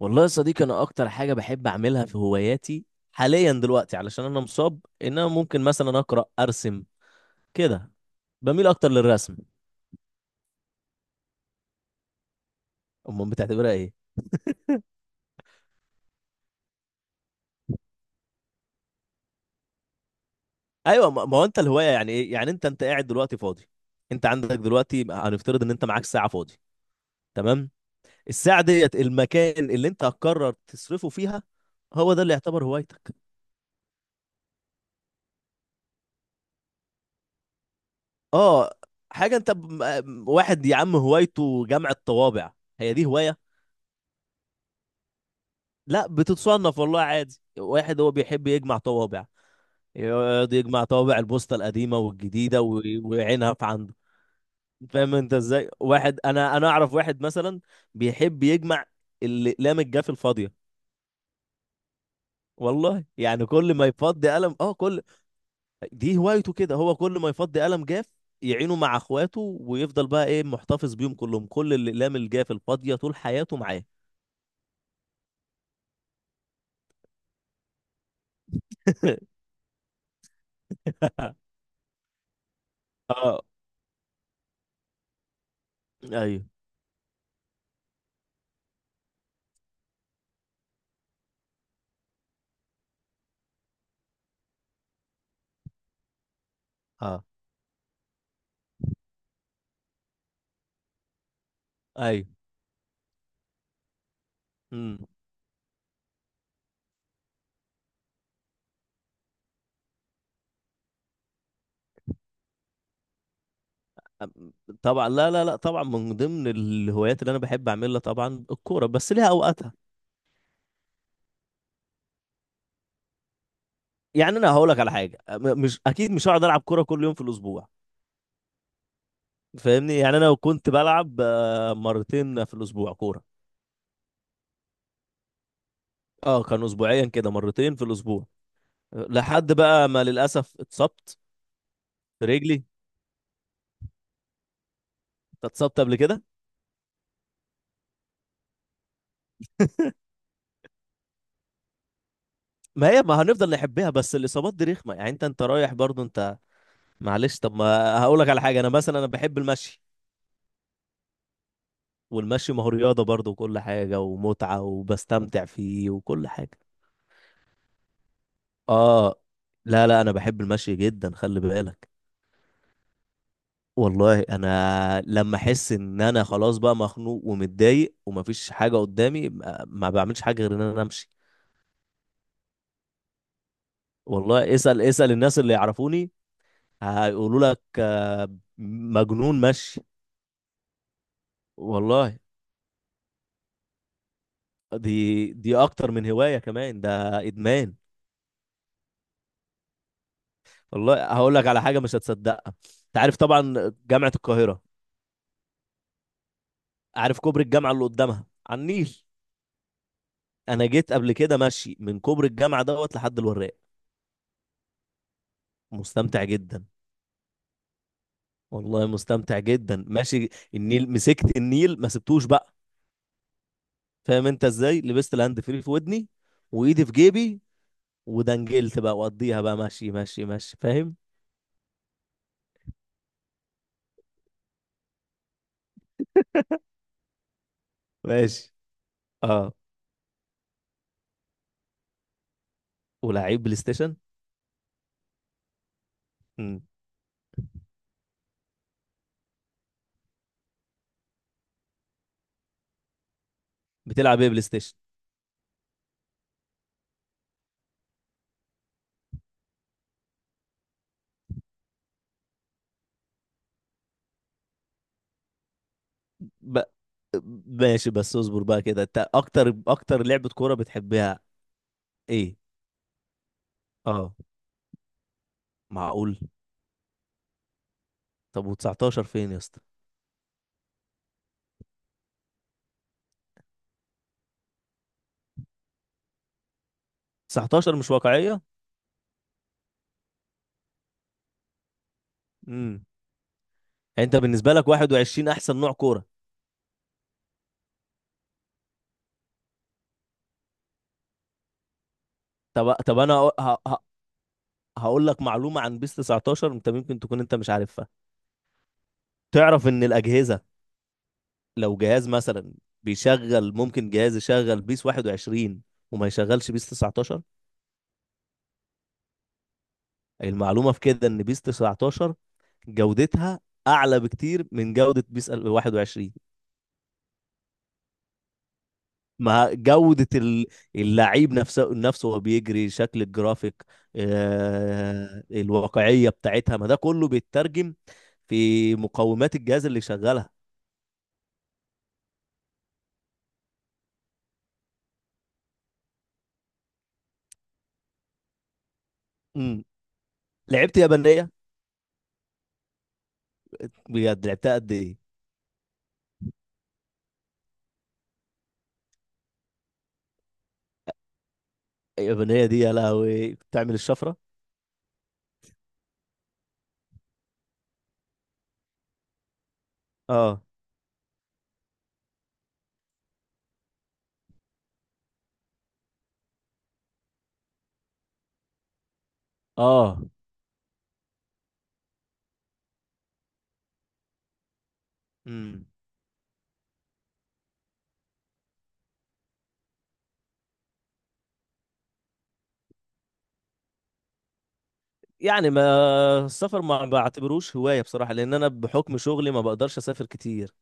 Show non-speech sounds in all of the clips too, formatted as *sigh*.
والله يا صديقي، انا اكتر حاجه بحب اعملها في هواياتي حاليا دلوقتي، علشان انا مصاب، ان انا ممكن مثلا اقرا ارسم كده. بميل اكتر للرسم. امال بتعتبرها ايه؟ ايوه، ما هو انت الهوايه يعني ايه؟ يعني انت قاعد دلوقتي فاضي، انت عندك دلوقتي، هنفترض ان انت معاك ساعه فاضي، تمام، الساعه ديت المكان اللي انت هتقرر تصرفه فيها، هو ده اللي يعتبر هوايتك؟ اه، حاجه واحد يا عم هوايته جمع الطوابع، هي دي هوايه. لا، بتتصنف والله، عادي، واحد هو بيحب يجمع طوابع، يقعد يجمع طوابع البوسطة القديمة والجديدة ويعينها في عنده. فاهم انت ازاي؟ واحد انا اعرف واحد مثلا بيحب يجمع الاقلام الجاف الفاضية، والله، يعني كل ما يفضي قلم، اه، كل. دي هوايته كده، هو كل ما يفضي قلم جاف يعينه مع اخواته، ويفضل بقى ايه؟ محتفظ بيهم كلهم، كل الاقلام الجاف الفاضية طول حياته معاه. *laughs* اه. ايوه. اه. ايوه. طبعا، لا لا لا، طبعا من ضمن الهوايات اللي انا بحب اعملها طبعا الكوره، بس ليها اوقاتها. يعني انا هقول لك على حاجه، مش اكيد مش هقعد العب كوره كل يوم في الاسبوع، فاهمني؟ يعني انا لو كنت بلعب مرتين في الاسبوع كوره. اه، كان اسبوعيا كده مرتين في الاسبوع، لحد بقى ما للاسف اتصبت في رجلي. انت اتصبت قبل كده؟ ما هي، ما هنفضل نحبها، بس الاصابات دي رخمه، يعني انت رايح برضو انت. معلش، طب، ما هقول لك على حاجه، انا مثلا انا بحب المشي، والمشي ما هو رياضة برضه وكل حاجة ومتعة، وبستمتع فيه وكل حاجة. اه. لا لا، انا بحب المشي جدا، خلي بالك. والله انا لما احس ان انا خلاص بقى مخنوق ومتضايق ومفيش حاجة قدامي، ما بعملش حاجة غير ان انا امشي. والله، اسأل اسأل الناس اللي يعرفوني، هيقولوا لك مجنون مشي. والله دي اكتر من هواية، كمان ده ادمان. والله هقول لك على حاجة مش هتصدقها. انت عارف طبعا جامعة القاهرة؟ اعرف كوبري الجامعه اللي قدامها على النيل؟ انا جيت قبل كده ماشي من كوبري الجامعه دوت لحد الوراق. مستمتع جدا. والله مستمتع جدا ماشي النيل، مسكت النيل ما سبتوش بقى. فاهم انت ازاي؟ لبست الهاند فري في ودني وايدي في جيبي، ودنجلت بقى وقضيها بقى ماشي ماشي ماشي، فاهم؟ ماشي. اه. ولعيب بلاي ستيشن. مم. بتلعب ايه بلاي ستيشن؟ ب... ماشي، بس اصبر بقى كده، انت اكتر اكتر لعبة كورة بتحبها ايه؟ اه، معقول. طب و19 فين يا اسطى؟ 19 مش واقعية؟ امم يعني انت بالنسبة لك 21 احسن نوع كورة؟ طب انا هقول لك معلومة عن بيس 19، انت ممكن تكون انت مش عارفها. تعرف ان الاجهزة، لو جهاز مثلا بيشغل، ممكن جهاز يشغل بيس 21 وما يشغلش بيس 19. المعلومة في كده ان بيس 19 جودتها اعلى بكتير من جودة بيس 21. ما جودة اللعيب نفسه نفسه، وهو بيجري شكل الجرافيك، الواقعية بتاعتها، ما ده كله بيترجم في مقومات الجهاز اللي شغالها. امم لعبت يابانية؟ بجد لعبتها قد ايه؟ اليابانية دي يا لهوي بتعمل الشفرة. اه. اه. امم يعني، ما السفر ما بعتبروش هواية بصراحة، لأن أنا بحكم شغلي ما بقدرش أسافر كتير.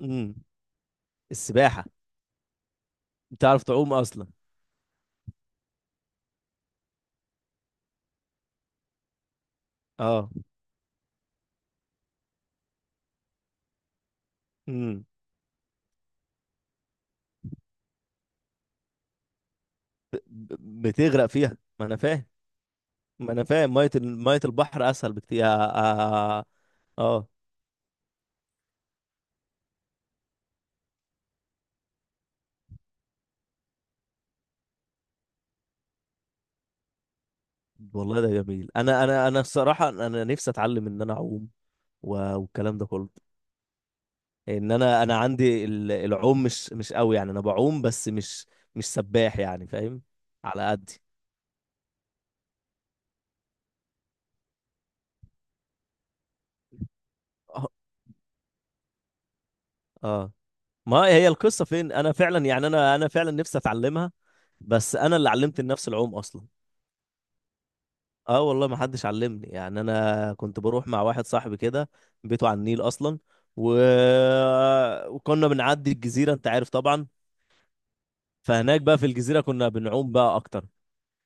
امم السباحة. بتعرف تعوم أصلا؟ اه. امم بتغرق فيها، ما انا فاهم. ما انا فاهم، ميه ميه البحر اسهل بكتير. اه, آه. والله ده جميل. انا الصراحه، انا نفسي اتعلم ان انا اعوم والكلام ده كله، ان انا عندي العوم مش قوي، يعني انا بعوم، بس مش سباح، يعني فاهم؟ على قدي. اه. آه. ما هي القصه فين؟ انا فعلا، يعني انا فعلا نفسي اتعلمها، بس انا اللي علمت النفس العوم اصلا. اه والله، ما حدش علمني، يعني انا كنت بروح مع واحد صاحبي كده بيته على النيل اصلا و... وكنا بنعدي الجزيره، انت عارف طبعا. فهناك بقى في الجزيره كنا بنعوم بقى اكتر،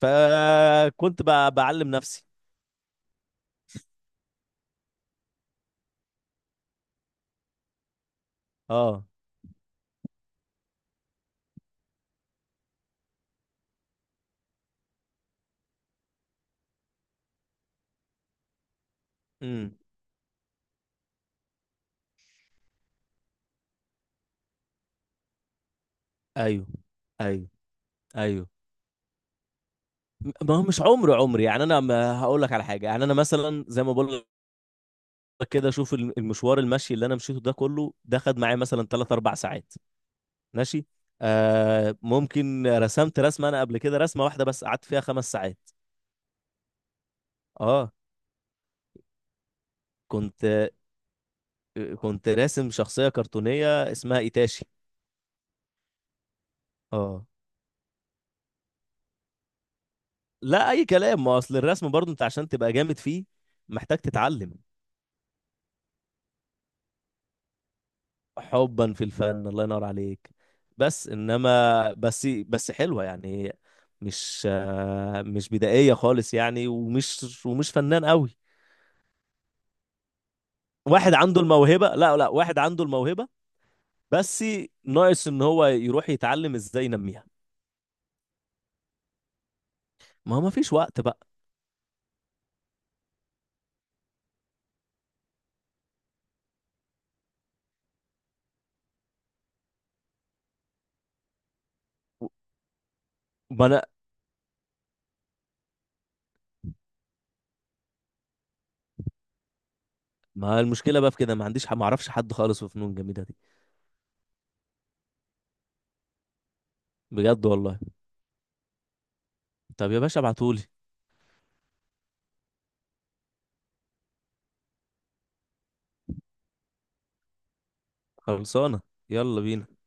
فكنت بقى بعلم نفسي. اه. امم ايوه. ايوه. ايوه. ما هو مش عمري عمري، يعني انا ما هقول لك على حاجه، يعني انا مثلا زي ما بقول لك كده، شوف المشوار، المشي اللي انا مشيته ده كله، ده خد معايا مثلا 3 4 ساعات، ماشي، ممكن رسمت رسمة أنا قبل كده، رسمة واحدة بس قعدت فيها 5 ساعات. اه، كنت كنت راسم شخصية كرتونية اسمها إيتاشي. اه. لا أي كلام. ما أصل الرسم برضو، أنت عشان تبقى جامد فيه محتاج تتعلم. حبا في الفن، الله ينور عليك. بس إنما بس، حلوة يعني، مش مش بدائية خالص، يعني، ومش فنان قوي. واحد عنده الموهبة، لا لا، واحد عنده الموهبة، بس ناقص ان هو يروح يتعلم ازاي ينميها. ما هو ما فيش وقت بقى. ما انا ما المشكله بقى في كده، ما عنديش، ما اعرفش حد خالص في فنون جميله دي. بجد والله. طب يا باشا ابعتولي. خلصانه. يلا بينا.